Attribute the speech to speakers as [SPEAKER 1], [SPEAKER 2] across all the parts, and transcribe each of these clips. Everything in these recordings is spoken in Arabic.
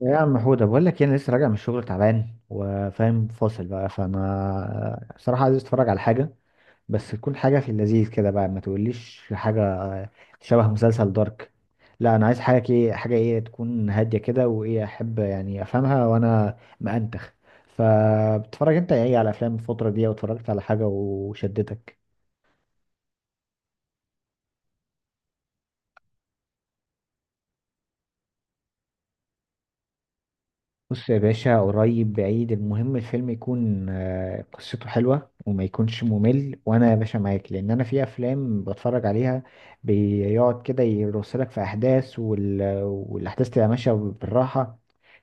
[SPEAKER 1] يا عم حودة بقول لك إيه، انا لسه راجع من الشغل تعبان وفاهم فاصل بقى، فانا صراحة عايز اتفرج على حاجة. بس تكون حاجة في اللذيذ كده بقى، ما تقوليش حاجة شبه مسلسل دارك؟ لا، انا عايز حاجة كده، حاجة ايه تكون هادية كده، وايه احب يعني افهمها وانا مأنتخ. فبتتفرج انت ايه على افلام الفترة دي؟ واتفرجت على حاجة وشدتك؟ بص يا باشا، قريب بعيد المهم الفيلم يكون قصته حلوة وما يكونش ممل. وانا يا باشا معاك، لان انا في افلام بتفرج عليها بيقعد كده يرسلك في احداث والاحداث تبقى ماشية بالراحة.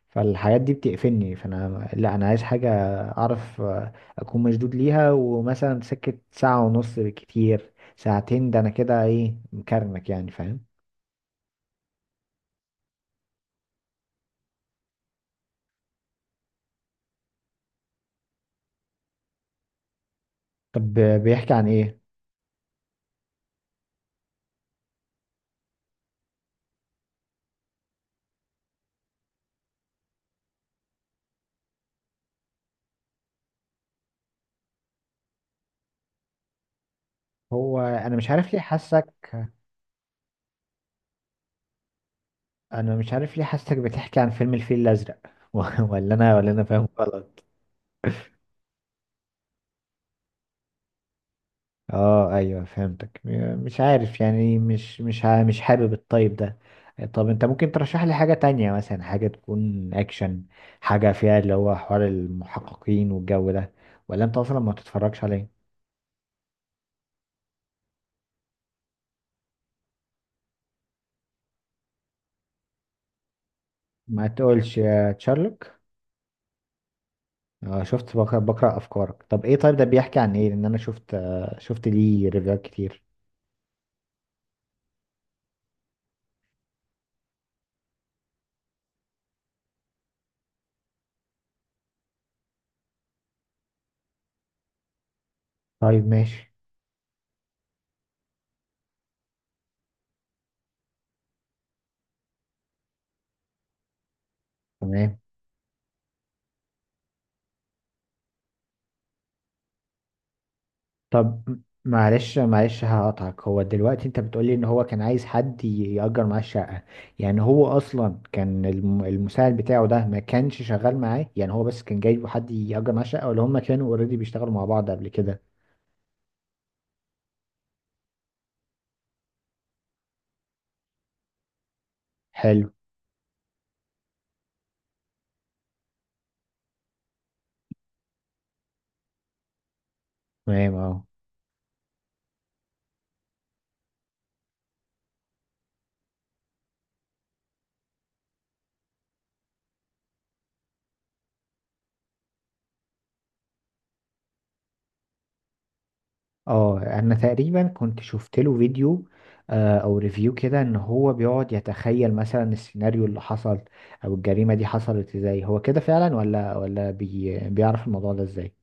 [SPEAKER 1] فالحاجات دي بتقفلني. فانا لا، انا عايز حاجة اعرف، اكون مشدود ليها، ومثلا سكة ساعة ونص، بالكتير ساعتين، ده انا كده ايه مكرمك يعني، فاهم؟ طب، بيحكي عن ايه؟ هو انا مش عارف ليه حاسك. انا مش عارف ليه حاسسك بتحكي عن فيلم الفيل الازرق. ولا انا فاهم غلط؟ اه ايوه، فهمتك. مش عارف يعني مش حابب الطيب ده. طب انت ممكن ترشح لي حاجة تانية؟ مثلا حاجة تكون اكشن، حاجة فيها اللي هو حوار المحققين والجو ده. ولا انت اصلا ما تتفرجش عليه؟ ما تقولش يا تشارلوك! اه شفت، بقرأ افكارك. طب ايه، طيب ده بيحكي عن ايه؟ لان انا شفت، شفت ليه ريفيوهات كتير. طيب ماشي. تمام. طب معلش هقطعك. هو دلوقتي انت بتقولي ان هو كان عايز حد يأجر معاه الشقة؟ يعني هو اصلا كان المساعد بتاعه ده ما كانش شغال معاه؟ يعني هو بس كان جايبه حد يأجر معاه الشقة، ولا هما كانوا اوريدي بيشتغلوا مع بعض قبل كده؟ حلو. تمام، اه. اه، انا تقريبا كنت شفت له فيديو، او ريفيو كده، ان هو بيقعد يتخيل مثلا السيناريو اللي حصل او الجريمة دي حصلت ازاي. هو كده فعلا، ولا بيعرف الموضوع ده ازاي؟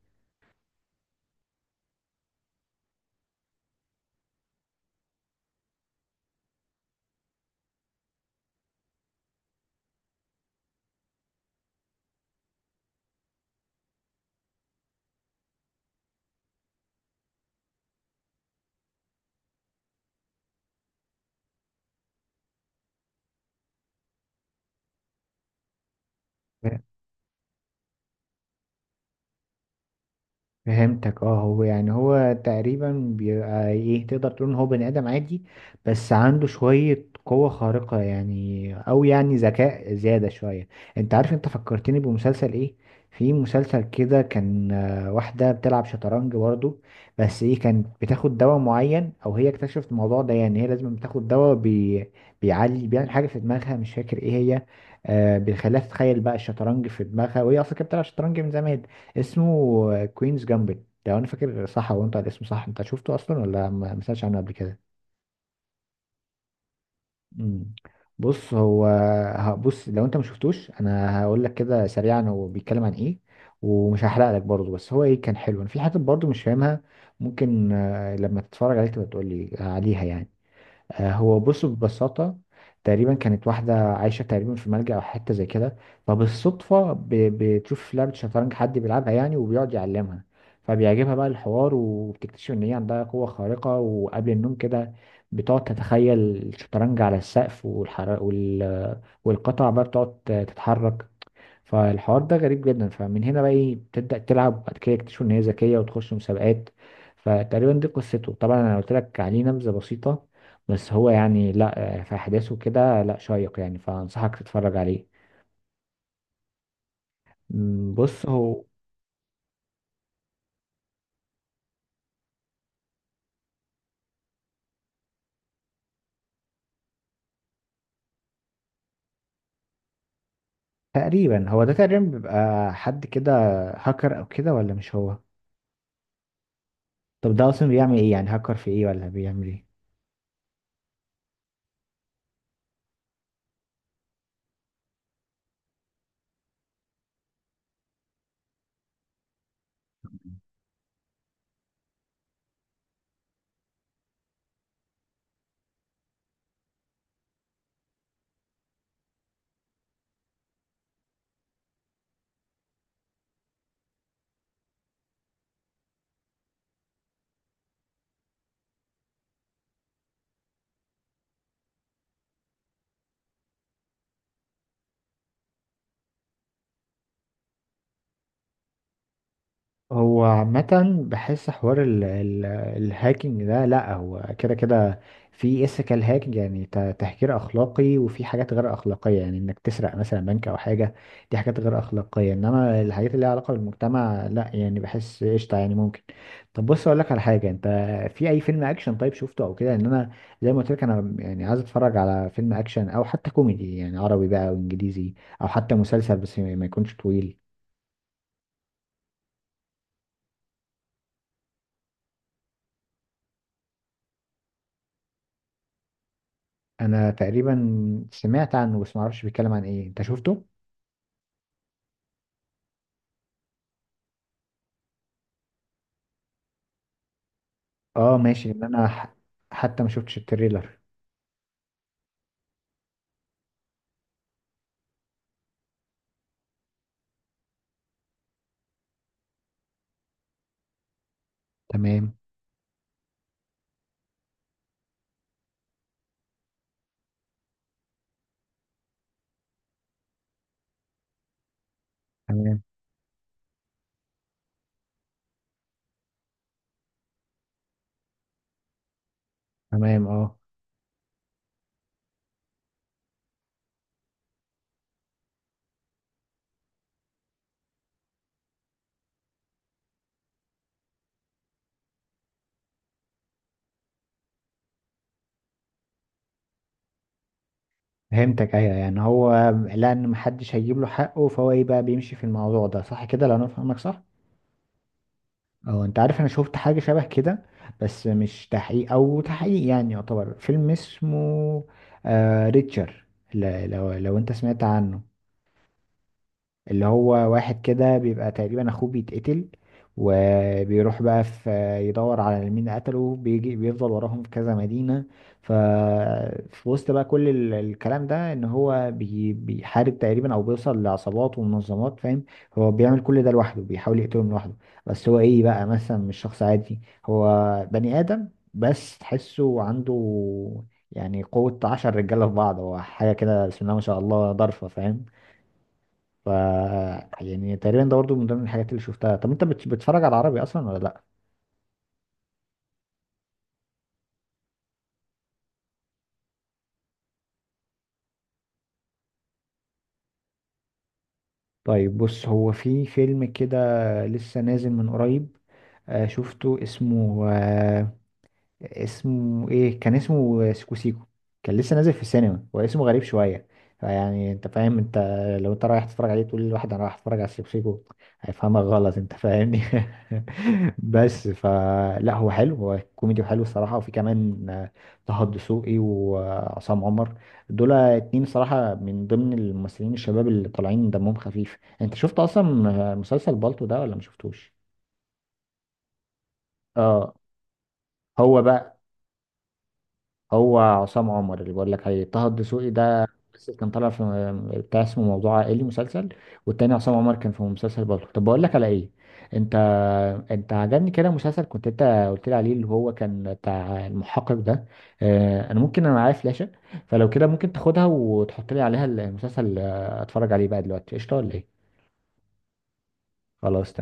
[SPEAKER 1] فهمتك. اه هو يعني، هو تقريبا بيبقى ايه، تقدر تقول ان هو بني ادم عادي، بس عنده شوية قوة خارقة يعني، او يعني ذكاء زيادة شوية. انت عارف انت فكرتني بمسلسل ايه؟ في مسلسل كده كان، واحدة بتلعب شطرنج برضو، بس ايه، كانت بتاخد دواء معين، او هي اكتشفت الموضوع ده، يعني هي لازم بتاخد دواء بيعلي، بيعمل حاجة في دماغها، مش فاكر ايه هي. بيخليها تتخيل بقى الشطرنج في دماغها، وهي اصلا كانت بتلعب شطرنج من زمان. اسمه كوينز جامبت لو انا فاكر صح. هو انت الاسم صح؟ انت شفته اصلا ولا ما سمعتش عنه قبل كده؟ مم. بص هو، بص لو انت ما شفتوش انا هقول لك كده سريعا هو بيتكلم عن ايه. ومش هحرق لك برضه، بس هو ايه، كان حلو. انا في حاجات برضه مش فاهمها، ممكن لما تتفرج عليه تبقى تقول لي عليها يعني. هو بص ببساطة، تقريبا كانت واحدة عايشة تقريبا في ملجأ أو حتة زي كده. فبالصدفة بتشوف في لعبة شطرنج حد بيلعبها يعني، وبيقعد يعلمها. فبيعجبها بقى الحوار، وبتكتشف إن هي عندها قوة خارقة، وقبل النوم كده بتقعد تتخيل الشطرنج على السقف، والقطع بقى بتقعد تتحرك. فالحوار ده غريب جدا. فمن هنا بقى ايه، بتبدأ تلعب، وبعد كده يكتشفوا ان هي ذكية وتخش مسابقات. فتقريبا دي قصته. طبعا انا قلت لك عليه نبذة بسيطة، بس هو يعني لا، في احداثه كده لا شيق يعني، فانصحك تتفرج عليه. بص هو تقريبا، هو ده تقريبا بيبقى حد كده هاكر او كده، ولا مش هو؟ طب ده اصلا بيعمل ايه يعني؟ هاكر في ايه، ولا بيعمل ايه؟ هو عامة بحس حوار ال ال الهاكينج ده، لا هو كده كده. في ethical هاكينج يعني، تهكير أخلاقي، وفي حاجات غير أخلاقية، يعني إنك تسرق مثلا بنك أو حاجة. دي حاجات غير أخلاقية، إنما الحاجات اللي ليها علاقة بالمجتمع لا، يعني بحس قشطة يعني ممكن. طب بص، أقول لك على حاجة. أنت في أي فيلم أكشن طيب شفته أو كده؟ إن أنا، زي ما قلت لك، أنا يعني عايز أتفرج على فيلم أكشن أو حتى كوميدي يعني، عربي بقى أو إنجليزي، أو حتى مسلسل، بس ما يكونش طويل. انا تقريبا سمعت عنه، بس ما اعرفش بيتكلم عن ايه. انت شفته؟ اه ماشي، ان انا حتى ما شفتش التريلر. تمام، تمام، تمام، اه. فهمتك ايوه، يعني هو لان محدش هيجيب له حقه، فهو ايه بقى، بيمشي في الموضوع ده، صح كده لو انا فاهمك صح؟ اه، انت عارف انا شفت حاجه شبه كده، بس مش تحقيق، او تحقيق يعني يعتبر، فيلم اسمه ريتشر، لو انت سمعت عنه. اللي هو واحد كده بيبقى تقريبا اخوه بيتقتل، وبيروح بقى، في يدور على مين قتله، بيجي بيفضل وراهم في كذا مدينة. ف في وسط بقى كل الكلام ده، ان هو بيحارب تقريبا او بيوصل لعصابات ومنظمات، فاهم؟ هو بيعمل كل ده لوحده، بيحاول يقتلهم لوحده. بس هو ايه بقى، مثلا مش شخص عادي. هو بني آدم، بس تحسه عنده يعني قوة عشر رجالة في بعض. هو حاجة كده بسم الله ما شاء الله ضرفة، فاهم؟ ف يعني تقريبا ده برضه من ضمن الحاجات اللي شفتها. طب انت بتتفرج على عربي اصلا ولا لا؟ طيب بص، هو في فيلم كده لسه نازل من قريب، شفته اسمه، اسمه ايه، كان اسمه سيكو سيكو. كان لسه نازل في السينما، هو اسمه غريب شويه. فيعني انت فاهم، انت لو انت رايح تتفرج عليه تقول لواحد انا رايح اتفرج على سيكو سيكو، هيفهمك غلط، انت فاهمني. بس فلا هو حلو، هو كوميدي وحلو الصراحه، وفي كمان طه الدسوقي وعصام عمر. دول اتنين صراحه من ضمن الممثلين الشباب اللي طالعين دمهم خفيف. انت شفت اصلا مسلسل بالطو ده ولا ما شفتوش؟ اه، هو بقى، هو عصام عمر اللي بقول لك عليه. طه الدسوقي ده بس كان طالع في بتاع اسمه موضوع عائلي، مسلسل. والتاني عصام عمر كان في مسلسل برضه. طب بقول لك على ايه، انت، انت عجبني كده مسلسل كنت انت قلت لي عليه، اللي هو كان بتاع المحقق ده. اه انا ممكن، انا معايا فلاشة، فلو كده ممكن تاخدها وتحط لي عليها المسلسل، اتفرج عليه بقى دلوقتي قشطة ولا ايه؟ خلاص، تمام.